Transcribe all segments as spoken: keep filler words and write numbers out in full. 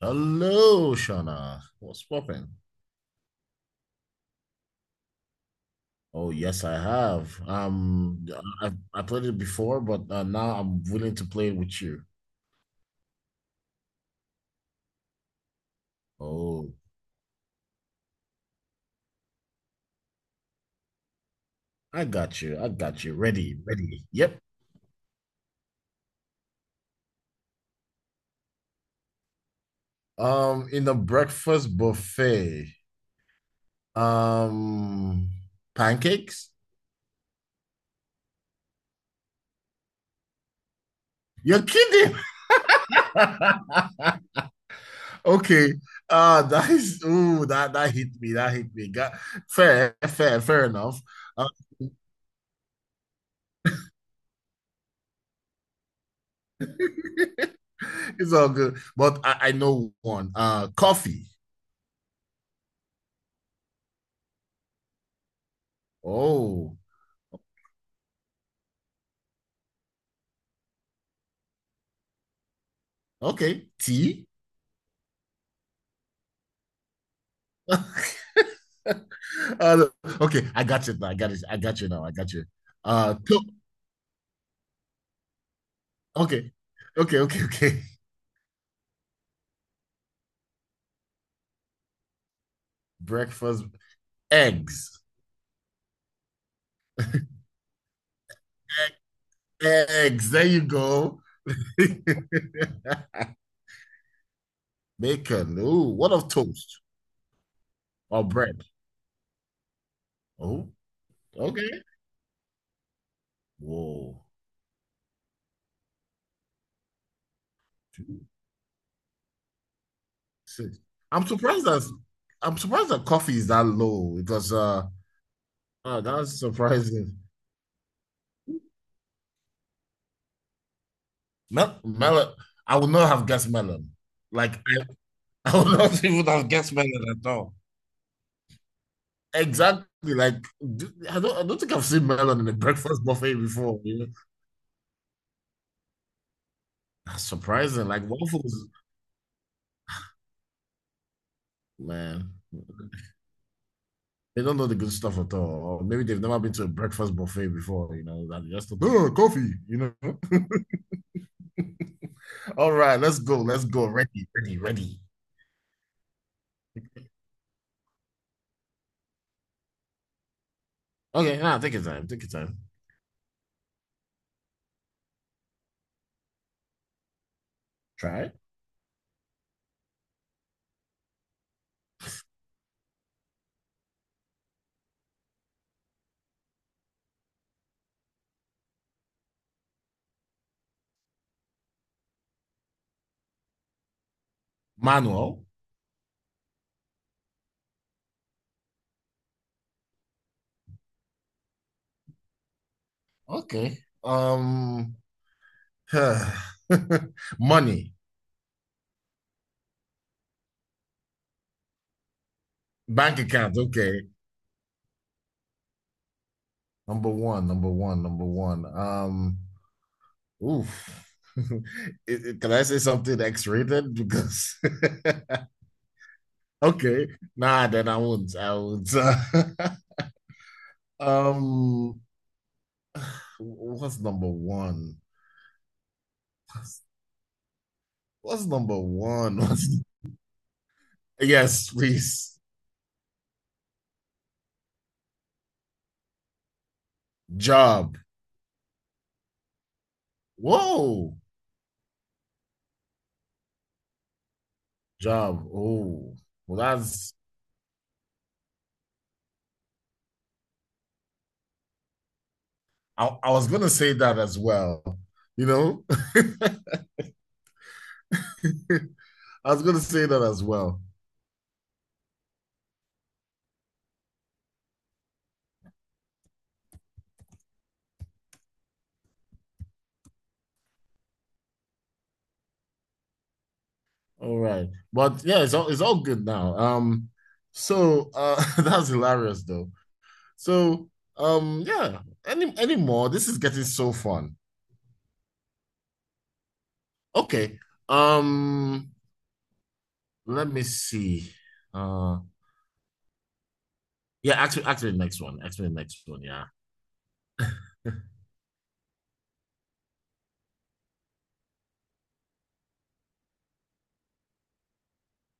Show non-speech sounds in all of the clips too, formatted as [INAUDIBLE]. Hello, Shauna. What's poppin'? Oh, yes, I have. Um, I I played it before, but uh, now I'm willing to play it with you. Oh, I got you. I got you. Ready, ready. Yep. Um, in the breakfast buffet. Um, Pancakes? You're kidding. [LAUGHS] Okay. Uh, that is, ooh, that that hit me. That hit me. Got fair, fair, fair enough. Uh, [LAUGHS] it's all good. But I, I know one. Uh, coffee. Oh, okay. Tea. [LAUGHS] uh, okay, I got you now. I got it. I got you now. I got you. Uh, to- okay, okay, okay, okay. [LAUGHS] Breakfast eggs. E- Eggs. There you go. [LAUGHS] Bacon. Ooh, what of toast or bread? Oh, okay. Whoa. Two, six. I'm surprised that I'm surprised that coffee is that low because uh oh, that's surprising. Mel melon. I would not have guessed melon. Like I, [LAUGHS] I would not [LAUGHS] even have guessed melon at all. Exactly. Like d- I don't. I don't think I've seen melon in a breakfast [LAUGHS] buffet before. You know? That's surprising. Like waffles, man. They don't know the good stuff at all. Or maybe they've never been to a breakfast buffet before. You know that they just oh coffee. You know. [LAUGHS] All right, let's go. Let's go. Ready, ready, ready. Okay, now take your time. Take your time. Try it. Manual. Okay. Um. [SIGHS] Money, bank accounts. Okay, number one, number one, number one. Um, oof. [LAUGHS] Can I say something X-rated? Because [LAUGHS] okay, nah, then I won't. I won't. [LAUGHS] um, what's number one? What's number one? [LAUGHS] What's. Yes, please. Job. Whoa, job. Oh, well, that's. I, I was gonna say that as well. You know. [LAUGHS] [LAUGHS] I was gonna say that as well. All right, but yeah, it's all it's all good now. Um, so uh, [LAUGHS] that's hilarious though. So um, yeah. Any any more? This is getting so fun. Okay. Um, Let me see. Uh, yeah. Actually, actually, the next one. Actually, the next one. Yeah. [LAUGHS]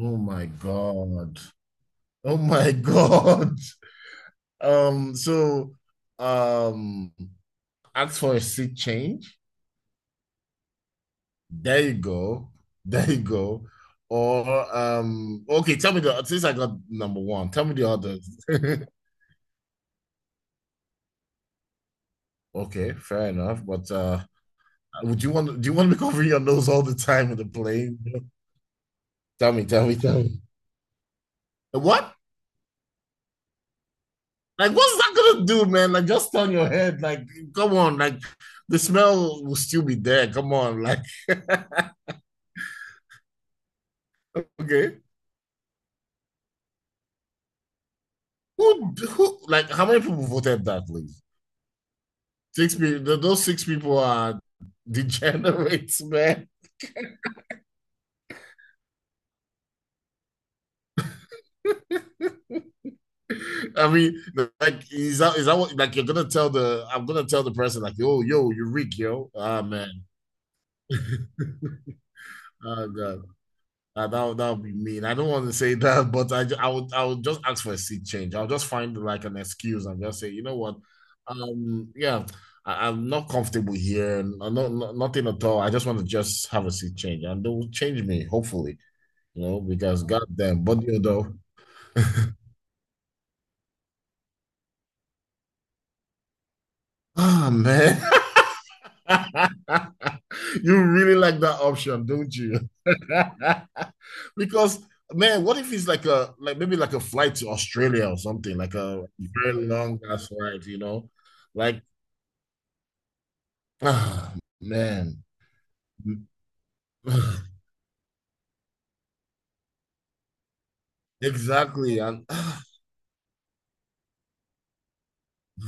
Oh my God. Oh my God. [LAUGHS] Um, so um, ask for a seat change. There you go. There you go. Or um, okay, tell me the since I got number one, tell me the others. [LAUGHS] Okay, fair enough. But uh would you want do you want to be covering your nose all the time with a plane? [LAUGHS] Tell me, tell me, tell me. What? Like what's that gonna do, man? Like just turn your head, like come on, like the smell will still be there. Come on, like. [LAUGHS] Okay. Who who Like how many people voted that, please? Six people, those six people are [LAUGHS] degenerates, man. [LAUGHS] I mean, like is that is that what, like you're gonna tell the I'm gonna tell the person like yo yo you're weak yo, ah man. [LAUGHS] Oh god. Ah, that that would be mean. I don't want to say [LAUGHS] that, but I I would I would just ask for a seat change. I'll just find like an excuse and just say, you know what, um yeah, I, I'm not comfortable here, and I not, nothing at all. I just want to just have a seat change, and they'll change me, hopefully. You know, because goddamn. But you know. [LAUGHS] Ah man. [LAUGHS] [LAUGHS] You really like that option, don't you? [LAUGHS] Because man, what if it's like a, like maybe like a flight to Australia or something, like a very long ass flight, you know? Like ah, man. [SIGHS] Exactly. And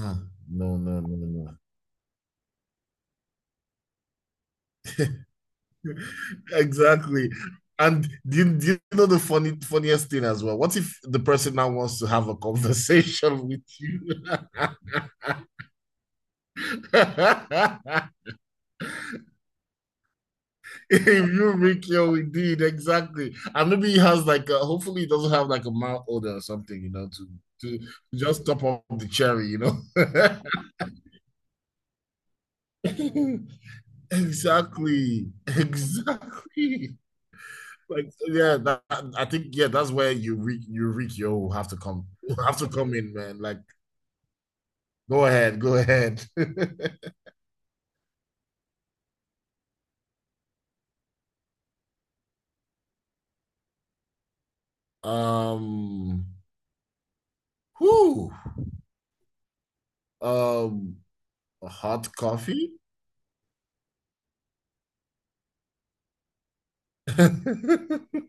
ah, no, no, no, no, no. [LAUGHS] Exactly. And do you, do you know the funny funniest thing as well? What if the person now wants to have a [LAUGHS] conversation with you? [LAUGHS] [LAUGHS] If you make your indeed, exactly. And maybe he has like a, hopefully he doesn't have like a mouth odor or something, you know, to to just top up the cherry, you know. [LAUGHS] Exactly. Exactly. Like yeah, that, I think yeah, that's where you reach you reach yo have to come [LAUGHS] have to come in, man. Like go ahead, go ahead. [LAUGHS] Um Whoo. Um Hot coffee? [LAUGHS]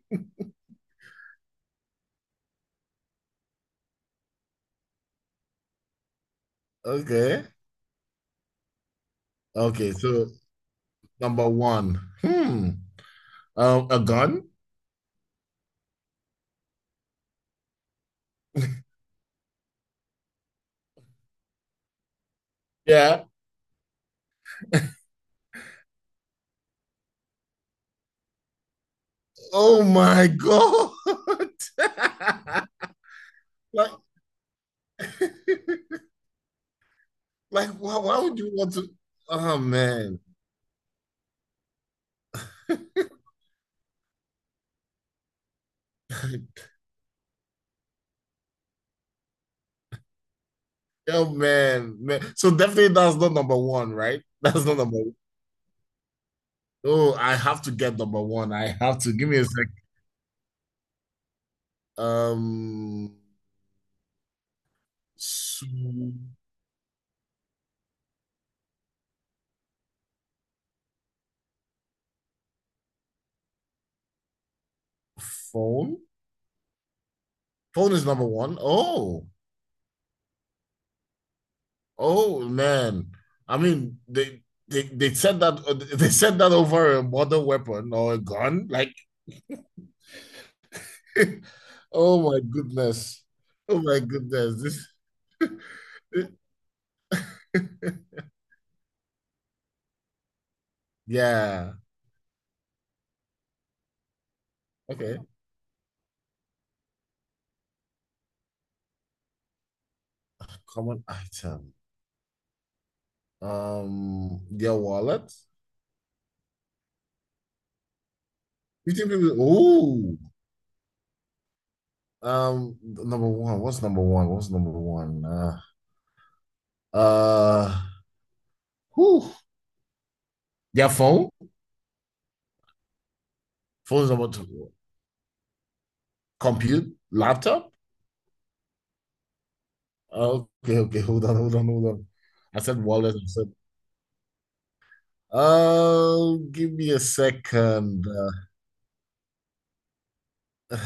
Okay. Okay, so number one. Hmm. Um, a gun? Yeah. Oh my God. [LAUGHS] like, [LAUGHS] like why, why would you want to? Oh man. [LAUGHS] Oh man, man. So definitely that's not number one, right? That's not number one. Oh, I have to get number one. I have to give me a sec. Um, so Phone. Phone is number one. Oh, oh man, I mean they they they said that [LAUGHS] they said that over a modern weapon or a gun. Like, [LAUGHS] oh my goodness, oh my goodness, this. [LAUGHS] Yeah. Okay. Common item. Um, your wallet. You think people? Ooh. Um, number one. What's number one? What's number one? Uh, uh. Whew. Their phone. Phone's number two. Compute. Laptop. Okay, okay, hold on, hold on, hold on. I said wallet. I said, oh, give me a second. Uh,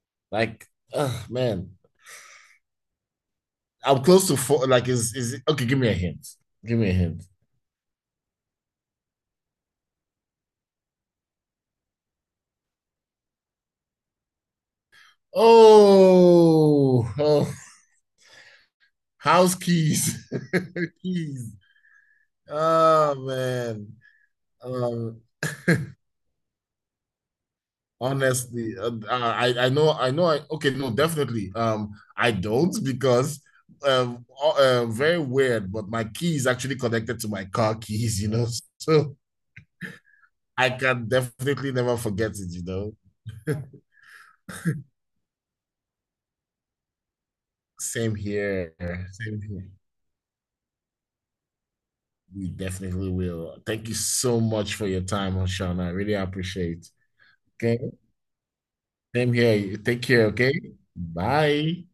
[SIGHS] like, uh, man, I'm close to four. Like, is is it- okay? Give me a hint. Give me a hint. Oh, oh, house keys, [LAUGHS] keys. Oh man. Um, Honestly, uh, uh, I I know, I know I, okay, no, definitely, um I don't because um uh, uh, very weird, but my key is actually connected to my car keys, you know, [LAUGHS] so I can definitely never forget it, you know. Same here. Same here, we definitely will. Thank you so much for your time, Oshana. I really appreciate. Okay. Same here, take care. Okay, bye.